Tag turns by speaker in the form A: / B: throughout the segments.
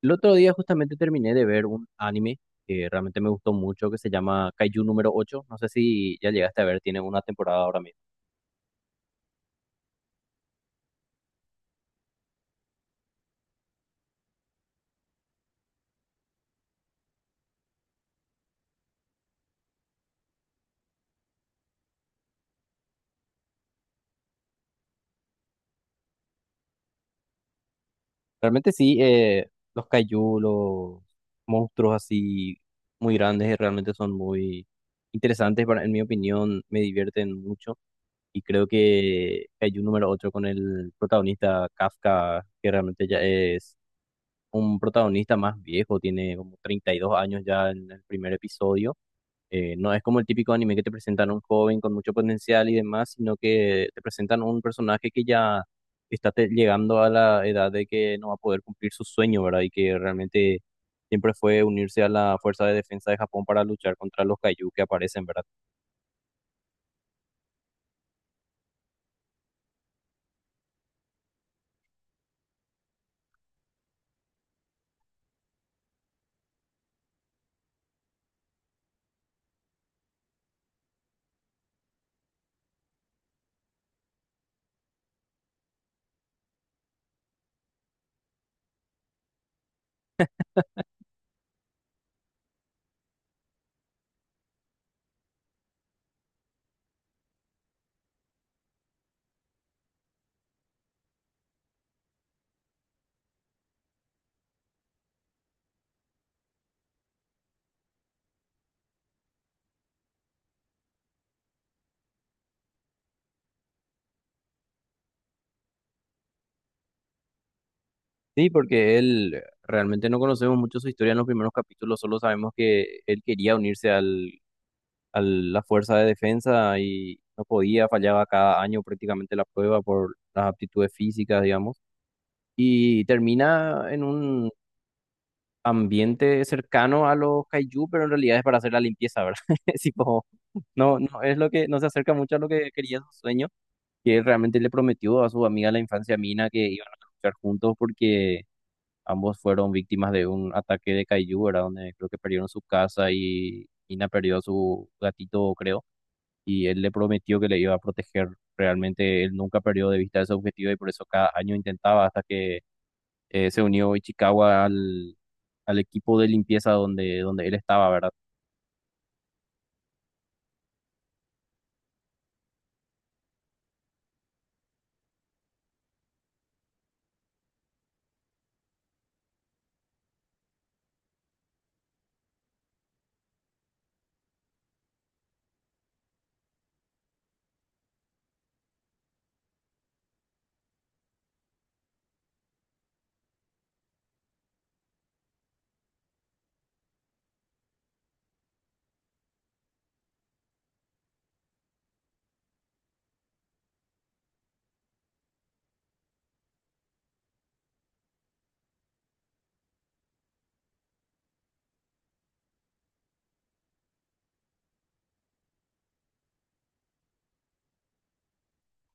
A: El otro día justamente terminé de ver un anime que realmente me gustó mucho, que se llama Kaiju número ocho. No sé si ya llegaste a ver, tiene una temporada ahora mismo. Realmente sí, los Kaiju, los monstruos así muy grandes, realmente son muy interesantes, en mi opinión, me divierten mucho. Y creo que Kaiju número ocho con el protagonista Kafka, que realmente ya es un protagonista más viejo, tiene como 32 años ya en el primer episodio. No es como el típico anime que te presentan a un joven con mucho potencial y demás, sino que te presentan un personaje que ya está llegando a la edad de que no va a poder cumplir su sueño, ¿verdad? Y que realmente siempre fue unirse a la Fuerza de Defensa de Japón para luchar contra los Kaiju que aparecen, ¿verdad? Sí, porque él realmente no conocemos mucho su historia en los primeros capítulos, solo sabemos que él quería unirse a la Fuerza de Defensa y no podía, fallaba cada año prácticamente la prueba por las aptitudes físicas, digamos. Y termina en un ambiente cercano a los kaiju, pero en realidad es para hacer la limpieza, ¿verdad? Es tipo, no, no es lo que, no se acerca mucho a lo que quería su sueño, que él realmente le prometió a su amiga de la infancia Mina que iban a luchar juntos porque ambos fueron víctimas de un ataque de kaiju, ¿verdad? Donde creo que perdieron su casa y Mina perdió a su gatito, creo. Y él le prometió que le iba a proteger. Realmente él nunca perdió de vista ese objetivo y por eso cada año intentaba hasta que se unió Ichikawa al, al equipo de limpieza donde, donde él estaba, ¿verdad?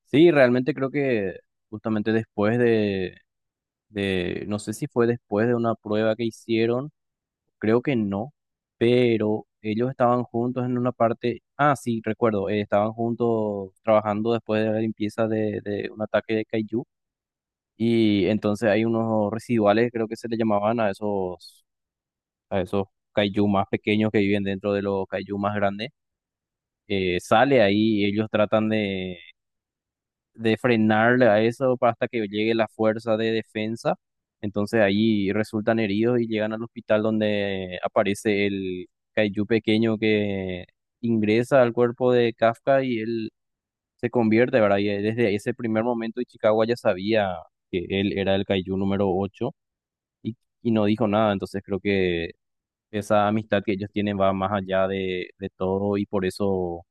A: Sí, realmente creo que justamente después de, no sé si fue después de una prueba que hicieron, creo que no, pero ellos estaban juntos en una parte, ah, sí, recuerdo, estaban juntos trabajando después de la limpieza de un ataque de Kaiju. Y entonces hay unos residuales, creo que se le llamaban a esos kaiju más pequeños que viven dentro de los kaiju más grandes. Sale ahí y ellos tratan de frenarle a eso para hasta que llegue la fuerza de defensa. Entonces ahí resultan heridos y llegan al hospital donde aparece el Kaiju pequeño que ingresa al cuerpo de Kafka y él se convierte, ¿verdad? Y desde ese primer momento Ichikawa ya sabía que él era el Kaiju número ocho y, y no dijo nada. Entonces creo que esa amistad que ellos tienen va más allá de todo y por eso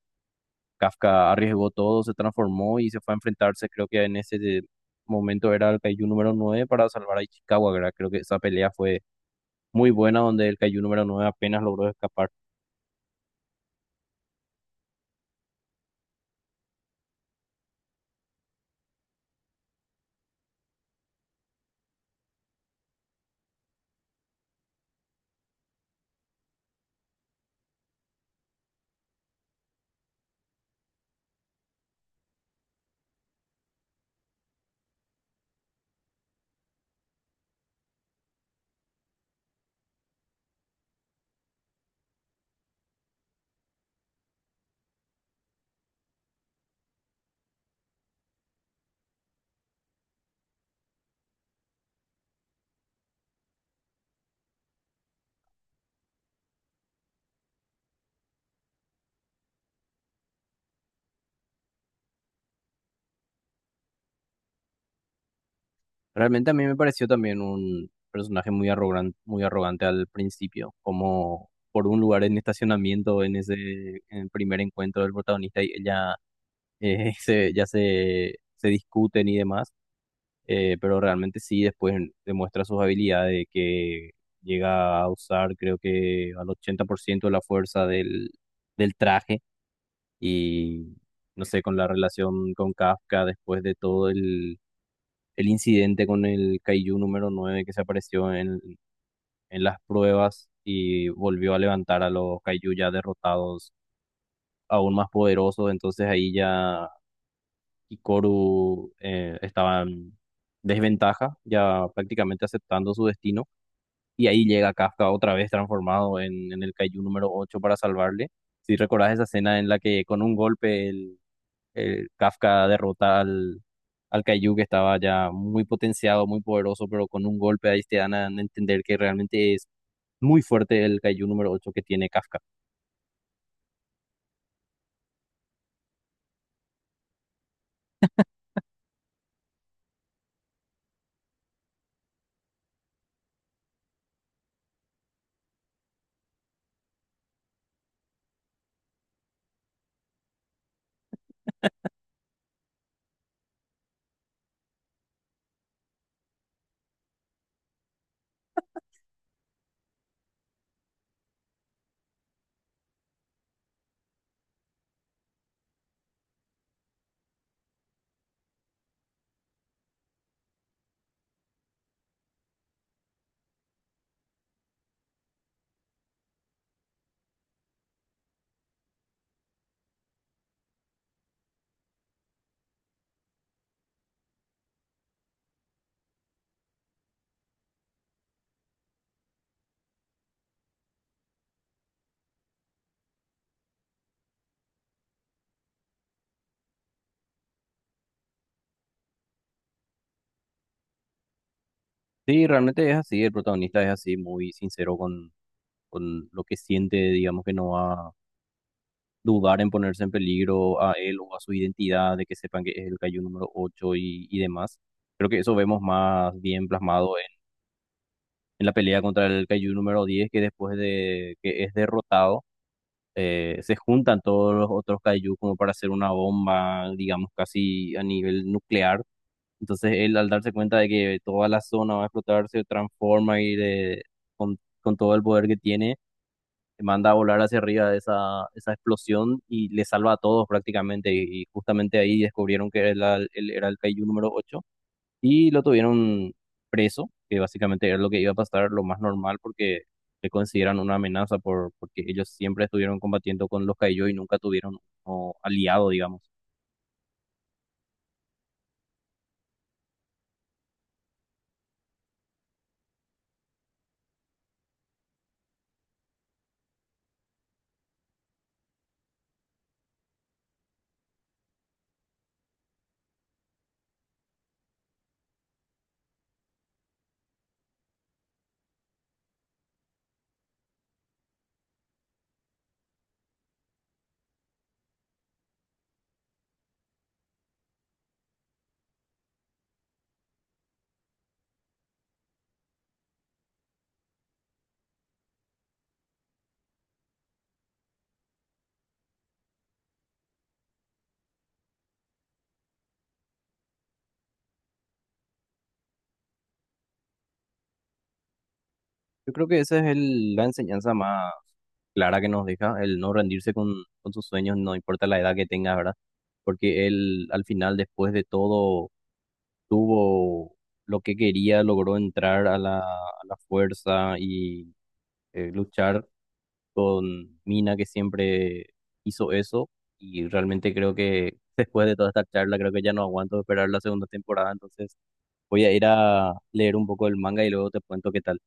A: Kafka arriesgó todo, se transformó y se fue a enfrentarse, creo que en ese momento era el Kaiju número nueve para salvar a Ichikawa, ¿verdad? Creo que esa pelea fue muy buena donde el Kaiju número nueve apenas logró escapar. Realmente a mí me pareció también un personaje muy arrogante al principio, como por un lugar en estacionamiento en ese en el primer encuentro del protagonista y ella ya se discuten y demás. Pero realmente sí, después demuestra sus habilidades de que llega a usar creo que al 80% de la fuerza del traje y no sé, con la relación con Kafka después de todo el incidente con el Kaiju número nueve que se apareció en las pruebas y volvió a levantar a los Kaiju ya derrotados aún más poderosos, entonces ahí ya y Koru estaban en desventaja, ya prácticamente aceptando su destino. Y ahí llega Kafka otra vez transformado en el Kaiju número ocho para salvarle. Si recordás esa escena en la que con un golpe el Kafka derrota al Kaiju que estaba ya muy potenciado, muy poderoso, pero con un golpe ahí te dan a entender que realmente es muy fuerte el Kaiju número ocho que tiene Kafka. Sí, realmente es así, el protagonista es así, muy sincero con lo que siente, digamos que no va dudar en ponerse en peligro a él o a su identidad, de que sepan que es el Kaiju número ocho y demás. Creo que eso vemos más bien plasmado en la pelea contra el Kaiju número diez que después de que es derrotado, se juntan todos los otros Kaiju como para hacer una bomba, digamos, casi a nivel nuclear. Entonces él al darse cuenta de que toda la zona va a explotar, se transforma con todo el poder que tiene, manda a volar hacia arriba esa explosión y le salva a todos prácticamente. Y justamente ahí descubrieron que era era el Kaiju número ocho y lo tuvieron preso, que básicamente era lo que iba a pasar, lo más normal, porque le consideran una amenaza porque ellos siempre estuvieron combatiendo con los Kaiju y nunca tuvieron un aliado, digamos. Yo creo que esa es la enseñanza más clara que nos deja, el no rendirse con sus sueños, no importa la edad que tengas, ¿verdad? Porque él al final, después de todo, tuvo lo que quería, logró entrar a a la fuerza y luchar con Mina, que siempre hizo eso. Y realmente creo que después de toda esta charla, creo que ya no aguanto esperar la segunda temporada. Entonces voy a ir a leer un poco el manga y luego te cuento qué tal.